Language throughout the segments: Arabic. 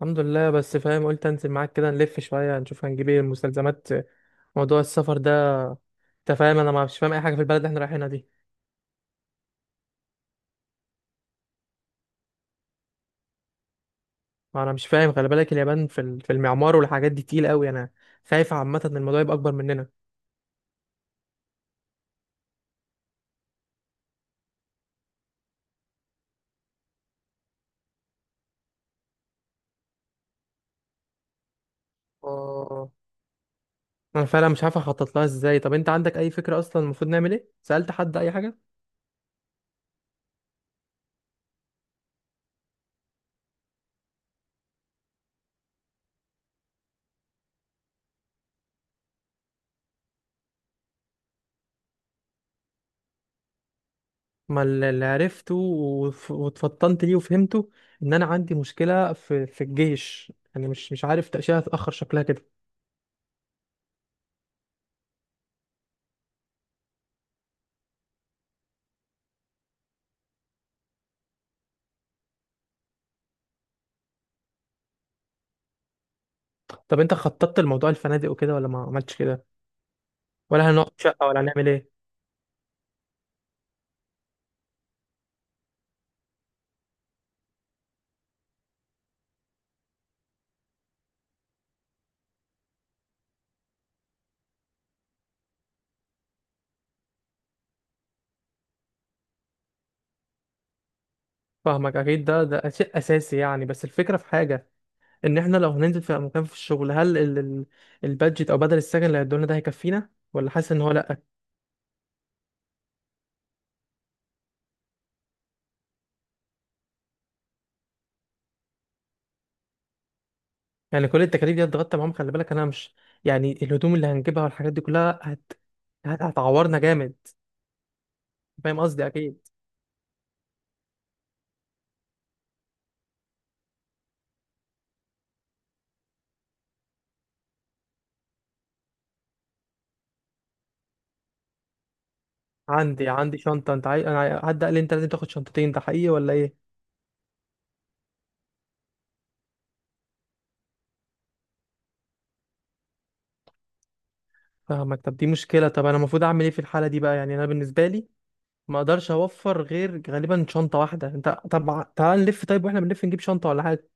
الحمد لله. بس فاهم، قلت انزل معاك كده، نلف شويه نشوف هنجيب ايه المستلزمات، موضوع السفر ده. انت فاهم، انا ما مش فاهم اي حاجه في البلد اللي احنا رايحينها دي. ما انا مش فاهم، خلي بالك اليابان في المعمار والحاجات دي تقيل قوي. انا خايف عامه ان الموضوع يبقى اكبر مننا. اه. انا فعلا مش عارف اخطط لها ازاي، طب انت عندك اي فكره؟ اصلا المفروض نعمل ايه، سالت حد اي حاجه؟ ما اللي عرفته واتفطنت ليه وفهمته، ان انا عندي مشكله في الجيش. يعني مش عارف، تاشيره هتتاخر شكلها كده. طب انت خططت لموضوع الفنادق وكده ولا ما عملتش كده؟ ولا هنقعد شقة ولا هنعمل ايه؟ فاهمك، اكيد ده شيء اساسي يعني. بس الفكرة في حاجة، ان احنا لو هننزل في مكان في الشغل، هل البادجت او بدل السكن اللي هيدولنا ده هيكفينا، ولا حاسس ان هو لا؟ يعني كل التكاليف دي اتغطى معاهم؟ خلي بالك انا مش، يعني الهدوم اللي هنجيبها والحاجات دي كلها هت هت- هتعورنا جامد. فاهم قصدي اكيد. عندي شنطة. انت عاي... انا عاي- حد قال لي انت لازم تاخد شنطتين، ده حقيقي ولا ايه؟ فاهمك، طب دي مشكلة. طب انا المفروض اعمل ايه في الحالة دي بقى؟ يعني انا بالنسبة لي ما اقدرش اوفر غير غالبا شنطه واحده. انت، طب تعال نلف، طيب واحنا بنلف نجيب شنطه ولا حاجه.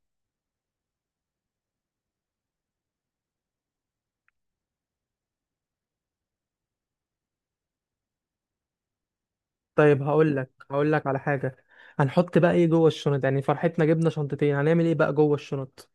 طيب، هقول لك هقول لك على حاجه. هنحط بقى ايه جوه الشنط؟ يعني فرحتنا جبنا شنطتين، هنعمل ايه بقى جوه الشنط؟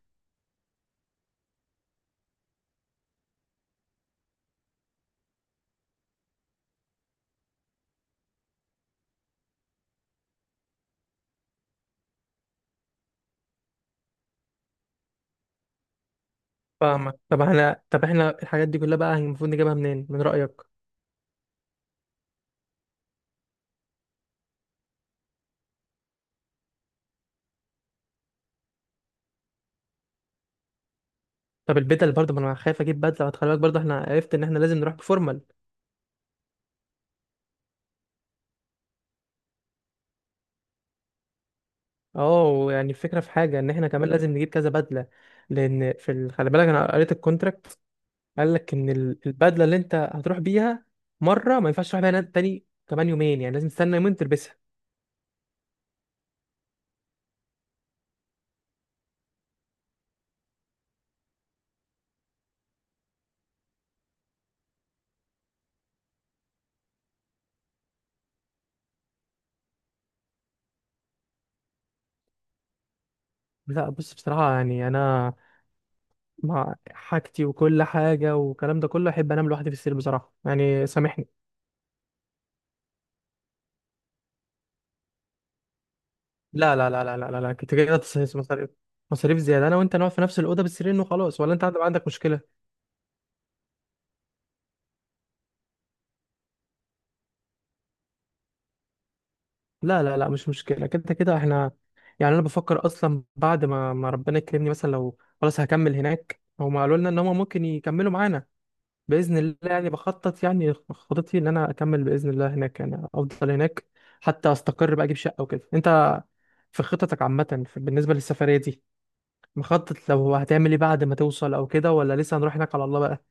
فاهمك، طب احنا طب احنا الحاجات دي كلها بقى المفروض نجيبها منين من رايك؟ طب البدل برضه، ما انا خايف اجيب بدله. خلي بالك برضه، احنا عرفت ان احنا لازم نروح بفورمال. اه، ويعني الفكره في حاجه، ان احنا كمان لازم نجيب كذا بدله، لان خلي بالك انا قريت الكونتراكت، قال لك ان البدله اللي انت هتروح بيها مره ما ينفعش تروح بيها تاني، كمان يومين يعني، لازم تستنى يومين تلبسها. لا، بص، بصراحه يعني انا مع حاجتي وكل حاجه والكلام ده كله، احب انام لوحدي في السرير بصراحه، يعني سامحني. لا لا لا لا لا لا لا، كنت كده تصحيح، مصاريف، مصاريف زياده. انا وانت نقعد في نفس الاوضه بالسرير وخلاص، ولا انت عندك مشكله؟ لا لا لا، مش مشكله. كده كده احنا، يعني انا بفكر اصلا بعد ما ربنا يكرمني، مثلا لو خلاص هكمل هناك، هما قالوا لنا ان هما ممكن يكملوا معانا باذن الله. يعني بخطط، يعني خطتي ان انا اكمل باذن الله هناك، يعني افضل هناك حتى استقر بقى، اجيب شقه وكده. انت في خططك عامه، بالنسبه للسفريه دي، مخطط لو هتعمل ايه بعد ما توصل او كده، ولا لسه هنروح هناك على الله بقى؟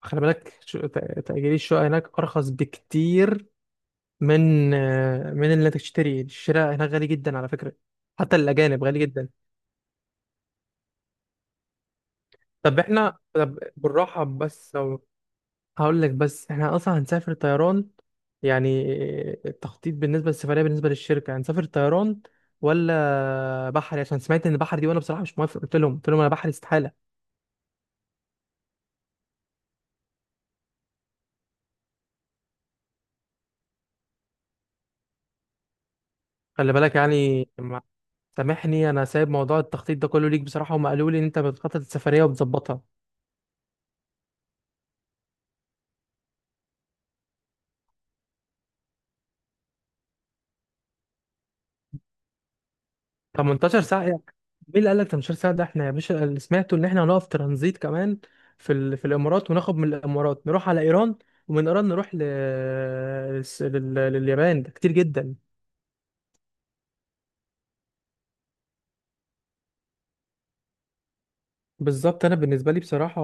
خلي بالك تأجير الشقه هناك ارخص بكتير من اللي انت تشتري. الشراء هناك غالي جدا على فكره، حتى الاجانب غالي جدا. طب احنا، طب بالراحه بس. هقول لك، بس احنا اصلا هنسافر طيران يعني، التخطيط بالنسبه للسفريه بالنسبه للشركه، هنسافر طيران ولا بحري؟ عشان سمعت ان البحر دي، وانا بصراحه مش موافق، قلت لهم قلت لهم انا بحري استحاله. خلي بالك يعني سامحني، انا سايب موضوع التخطيط ده كله ليك بصراحه، هم قالوا لي ان انت بتخطط السفريه وبتظبطها. 18 ساعة يعني؟ مين اللي قال لك 18 ساعة؟ ده احنا يا باشا اللي سمعته ان احنا هنقف ترانزيت كمان في الامارات، وناخد من الامارات نروح على ايران، ومن ايران نروح لليابان. ده كتير جدا. بالظبط. انا بالنسبة لي بصراحة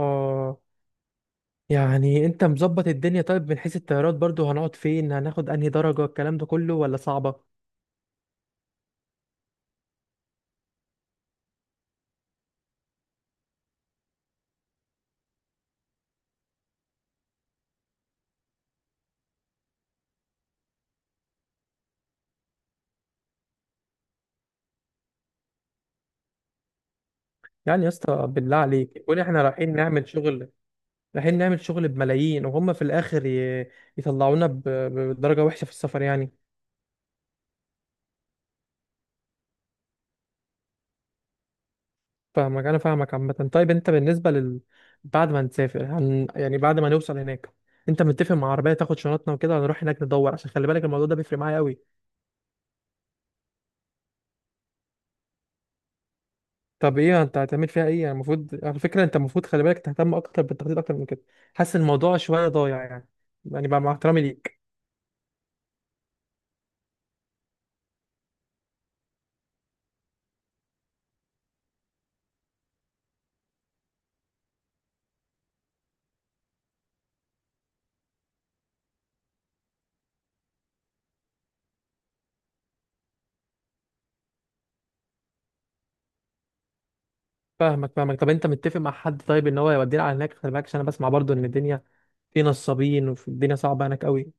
يعني، انت مظبط الدنيا. طيب، من حيث الطيارات برضو هنقعد فين؟ هناخد انهي درجة؟ الكلام ده كله ولا صعبة؟ يعني يا اسطى، بالله عليك، يكون احنا رايحين نعمل شغل، رايحين نعمل شغل بملايين، وهم في الاخر يطلعونا بدرجة وحشة في السفر يعني؟ فاهمك، انا فاهمك عامه. طيب انت بالنسبه لل، بعد ما نسافر يعني بعد ما نوصل هناك، انت متفق مع عربيه تاخد شنطنا وكده هنروح هناك ندور؟ عشان خلي بالك الموضوع ده بيفرق معايا قوي. طب ايه انت هتعمل فيها ايه يعني؟ المفروض على فكره انت المفروض خلي بالك تهتم اكتر بالتخطيط اكتر من كده. حاسس الموضوع شويه ضايع يعني، يعني بقى مع احترامي ليك. فاهمك فاهمك، طب انت متفق مع حد طيب ان هو يودينا على هناك؟ خلي بالك، عشان انا بسمع برضو ان الدنيا في نصابين، والدنيا صعبه هناك قوي.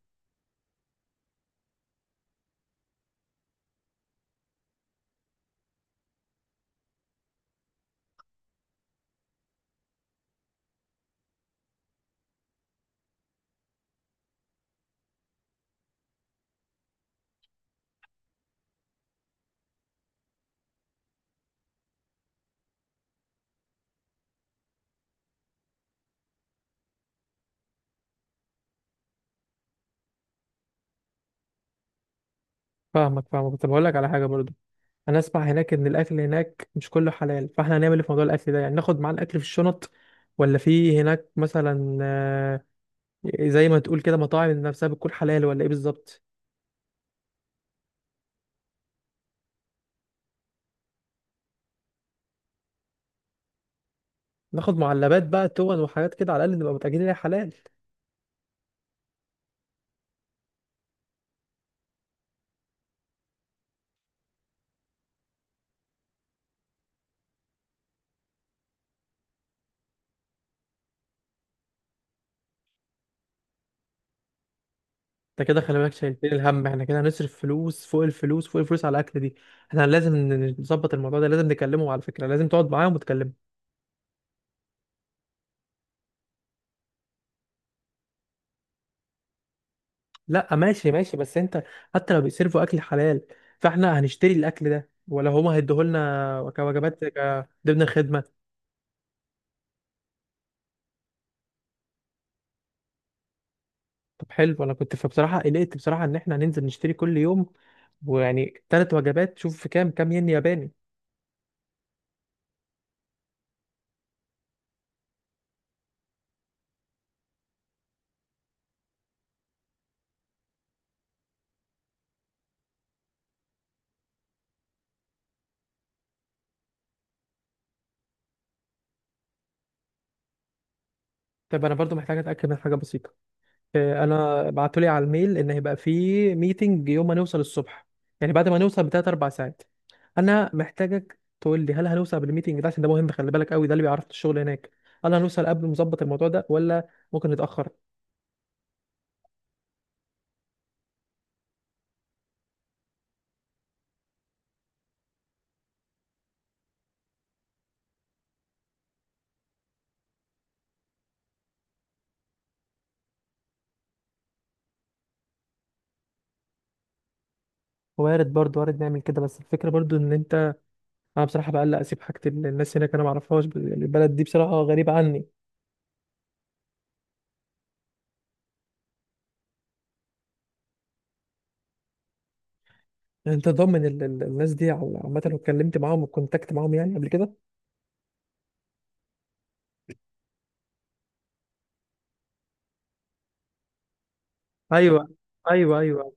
فاهمك فاهمك، كنت بقول لك على حاجه برضو. انا اسمع هناك ان الاكل هناك مش كله حلال، فاحنا هنعمل ايه في موضوع الاكل ده يعني؟ ناخد معانا الاكل في الشنط؟ ولا في هناك مثلا زي ما تقول كده، مطاعم نفسها بتكون حلال ولا ايه بالظبط؟ ناخد معلبات بقى، تون وحاجات كده، على الاقل نبقى متاكدين انها حلال. انت كده خلي بالك، شايلين الهم. احنا كده هنصرف فلوس فوق الفلوس فوق الفلوس على الاكل دي. احنا لازم نظبط الموضوع ده، لازم نكلمهم على فكره، لازم تقعد معاهم وتكلمهم. لا، ماشي ماشي، بس انت حتى لو بيسيرفوا اكل حلال، فاحنا هنشتري الاكل ده ولا هما هيديهولنا كوجبات ضمن الخدمه؟ طب حلو، انا كنت فبصراحه قلقت بصراحه ان احنا هننزل نشتري كل يوم، ويعني ثلاث وجبات، شوف في كام كام ين ياباني. طب انا برضو محتاج اتاكد من حاجه بسيطه. انا بعتولي على الميل ان هيبقى في ميتنج يوم ما نوصل الصبح، يعني بعد ما نوصل بتلات اربع ساعات. انا محتاجك تقول لي، هل هنوصل قبل الميتنج ده؟ عشان ده مهم خلي بالك قوي، ده اللي بيعرف الشغل هناك. هل هنوصل قبل مظبط الموضوع ده ولا ممكن نتاخر؟ وارد برضو، وارد نعمل كده، بس الفكره برضو ان انت، انا بصراحه بقلق اسيب حاجه، الناس هناك انا ما اعرفهاش، البلد دي بصراحه غريبه عني. انت ضامن الناس دي، او عامه لو اتكلمت معاهم وكونتاكت معاهم يعني قبل كده؟ ايوه ايوه ايوه.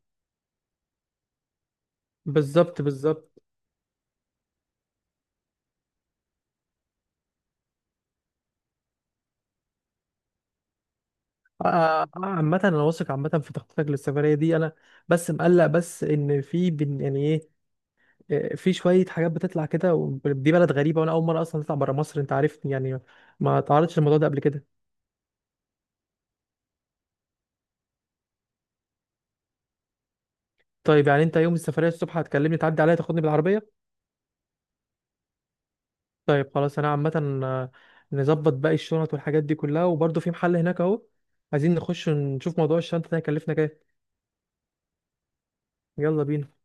بالظبط بالظبط. عامة أنا واثق عامة في تخطيطك للسفرية دي أنا. بس مقلق، بس إن في يعني إيه، في شوية حاجات بتطلع كده، ودي بلد غريبة، وأنا أول مرة أصلا أطلع برا مصر، أنت عارفني يعني، ما تعرضتش للموضوع ده قبل كده. طيب يعني أنت يوم السفرية الصبح هتكلمني تعدي عليا تاخدني بالعربية؟ طيب خلاص. أنا عامة آه، نظبط باقي الشنط والحاجات دي كلها، وبرضه في محل هناك أهو، عايزين نخش نشوف موضوع الشنطة ده هيكلفنا كام. يلا بينا.